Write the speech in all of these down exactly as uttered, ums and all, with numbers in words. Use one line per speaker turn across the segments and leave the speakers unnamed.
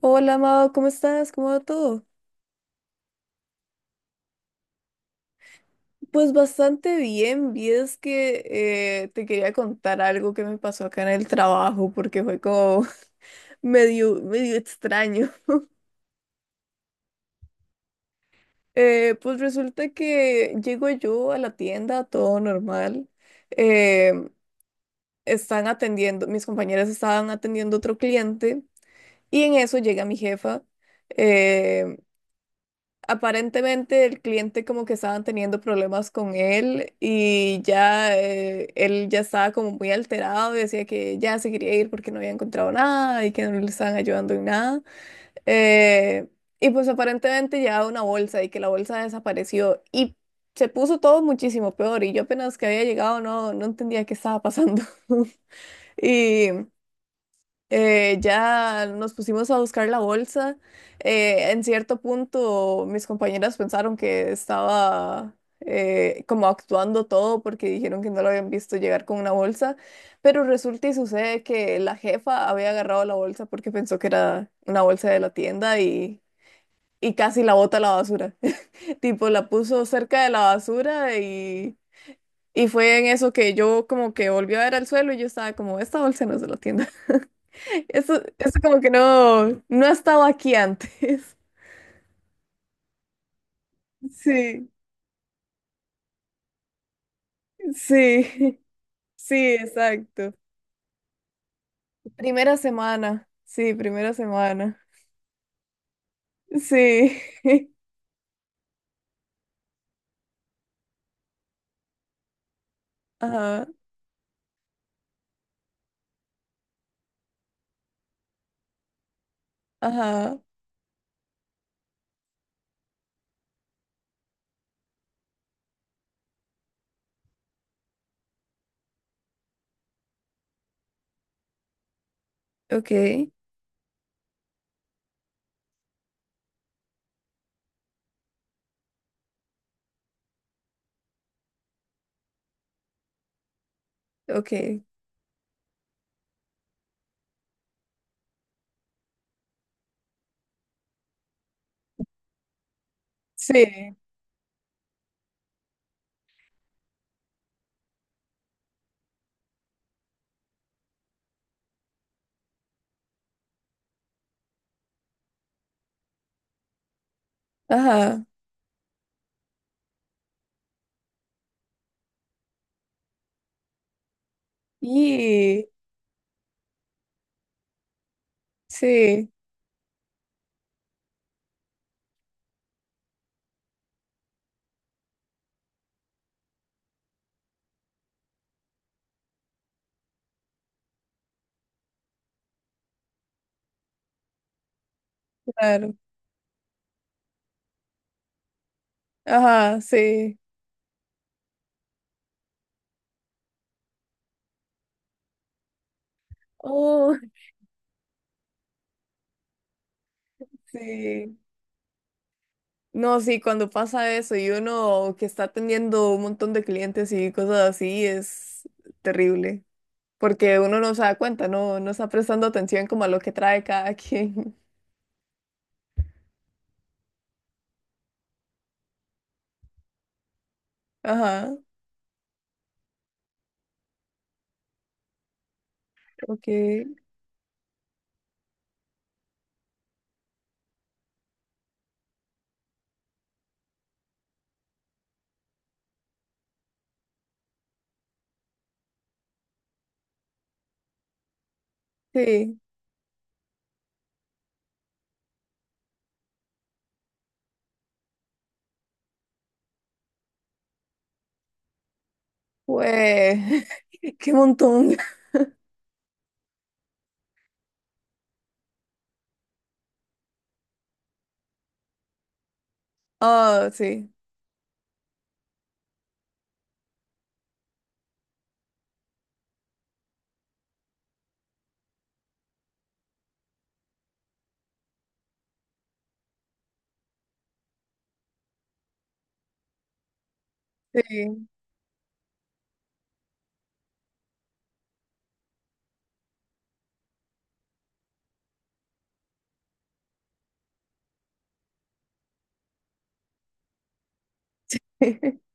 Hola, Amado, ¿cómo estás? ¿Cómo va todo? Pues bastante bien, vi es que eh, te quería contar algo que me pasó acá en el trabajo porque fue como medio, medio extraño. Eh, pues resulta que llego yo a la tienda, todo normal. eh, Están atendiendo, mis compañeras estaban atendiendo otro cliente y en eso llega mi jefa. eh, Aparentemente el cliente como que estaban teniendo problemas con él y ya eh, él ya estaba como muy alterado y decía que ya se quería ir porque no había encontrado nada y que no le estaban ayudando en nada. Eh, y pues aparentemente llevaba una bolsa y que la bolsa desapareció y se puso todo muchísimo peor y yo apenas que había llegado no, no entendía qué estaba pasando. Y eh, ya nos pusimos a buscar la bolsa. Eh, en cierto punto, mis compañeras pensaron que estaba eh, como actuando todo porque dijeron que no lo habían visto llegar con una bolsa, pero resulta y sucede que la jefa había agarrado la bolsa porque pensó que era una bolsa de la tienda y, y casi la bota a la basura. Tipo, la puso cerca de la basura y fue en eso que yo como que volví a ver al suelo y yo estaba como, esta bolsa no es de la tienda. Esto, esto como que no, no ha estado aquí antes. Sí, sí, sí, exacto. Primera semana, sí, primera semana. Sí, ajá, ajá, ok, ok, sí, ajá, y sí, claro, ajá, sí, oh, sí. No, sí, cuando pasa eso y uno que está atendiendo un montón de clientes y cosas así es terrible, porque uno no se da cuenta, no, no está prestando atención como a lo que trae cada quien. Ajá, ok, sí, pues, qué montón. Ah, sí, sí.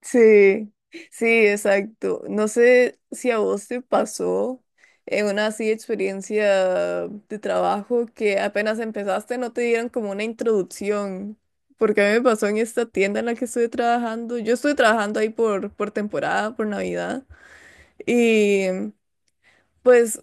Sí, sí, exacto. No sé si a vos te pasó en una así experiencia de trabajo que apenas empezaste no te dieron como una introducción, porque a mí me pasó en esta tienda en la que estuve trabajando. Yo estuve trabajando ahí por, por temporada, por Navidad, y pues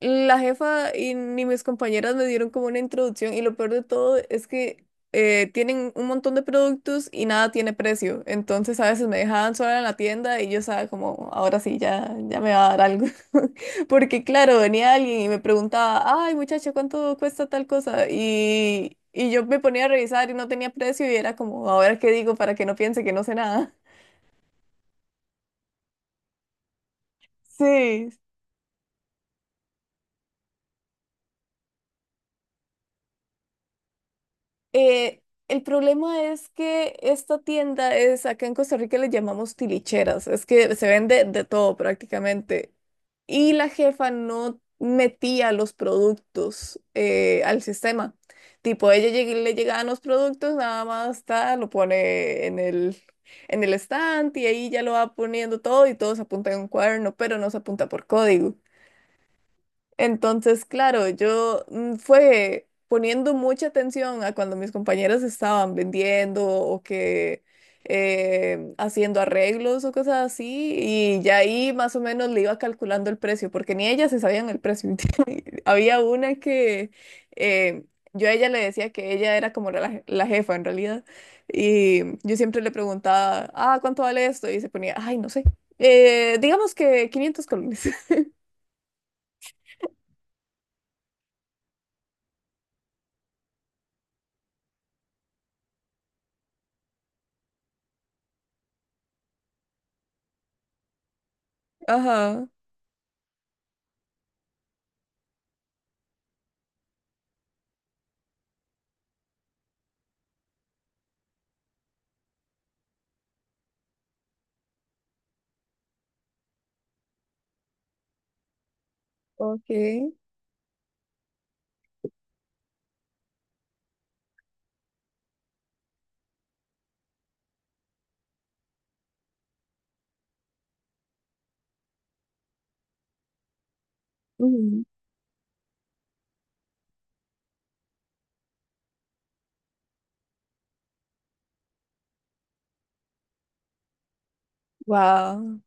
la jefa y ni mis compañeras me dieron como una introducción y lo peor de todo es que eh, tienen un montón de productos y nada tiene precio. Entonces a veces me dejaban sola en la tienda y yo estaba como, ahora sí, ya, ya me va a dar algo. Porque claro, venía alguien y me preguntaba, ay muchacha, ¿cuánto cuesta tal cosa? Y, y yo me ponía a revisar y no tenía precio y era como, ahora qué digo para que no piense que no sé nada. Sí, Eh, el problema es que esta tienda es, acá en Costa Rica le llamamos tilicheras, es que se vende de todo prácticamente. Y la jefa no metía los productos eh, al sistema. Tipo, ella lleg- le llegaban los productos, nada más está, lo pone en el, en el stand y ahí ya lo va poniendo todo y todo se apunta en un cuaderno, pero no se apunta por código. Entonces, claro, yo mm, fue poniendo mucha atención a cuando mis compañeras estaban vendiendo o que eh, haciendo arreglos o cosas así, y ya ahí más o menos le iba calculando el precio, porque ni ellas se sabían el precio. Había una que eh, yo a ella le decía que ella era como la, la jefa en realidad, y yo siempre le preguntaba, ah, ¿cuánto vale esto? Y se ponía, ay, no sé, eh, digamos que quinientos colones. Ajá. Ok. Wow.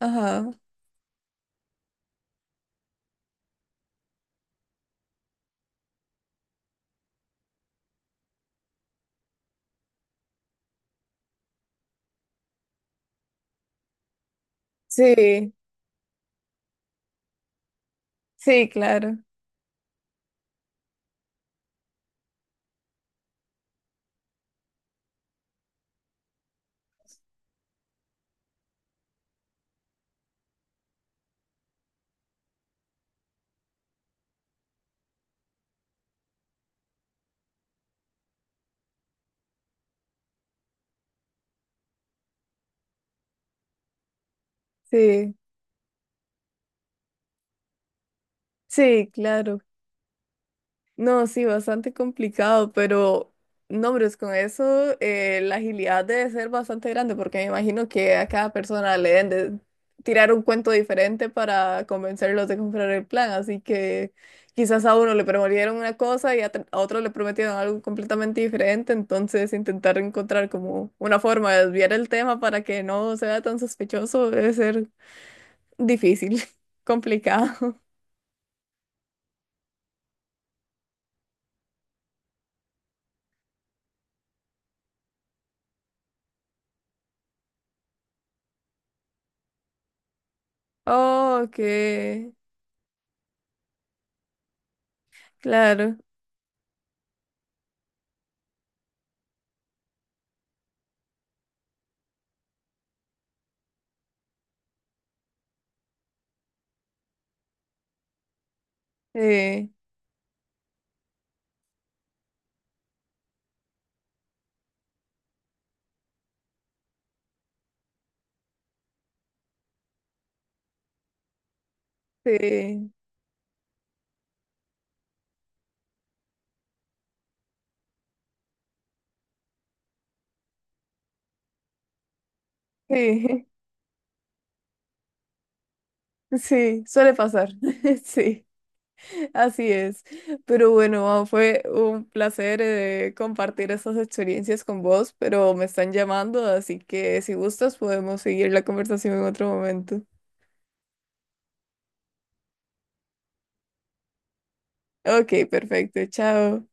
Ajá. Sí, sí, claro. Sí, sí, claro. No, sí, bastante complicado, pero no, pero es con eso eh, la agilidad debe ser bastante grande, porque me imagino que a cada persona le deben de tirar un cuento diferente para convencerlos de comprar el plan, así que quizás a uno le prometieron una cosa y a, tr- a otro le prometieron algo completamente diferente, entonces intentar encontrar como una forma de desviar el tema para que no sea tan sospechoso debe ser difícil, complicado. Oh, ok, claro. Sí. Sí, sí, sí, suele pasar. Sí, así es. Pero bueno, Mau, fue un placer eh, compartir estas experiencias con vos, pero me están llamando, así que si gustas podemos seguir la conversación en otro momento. Ok, perfecto, chao.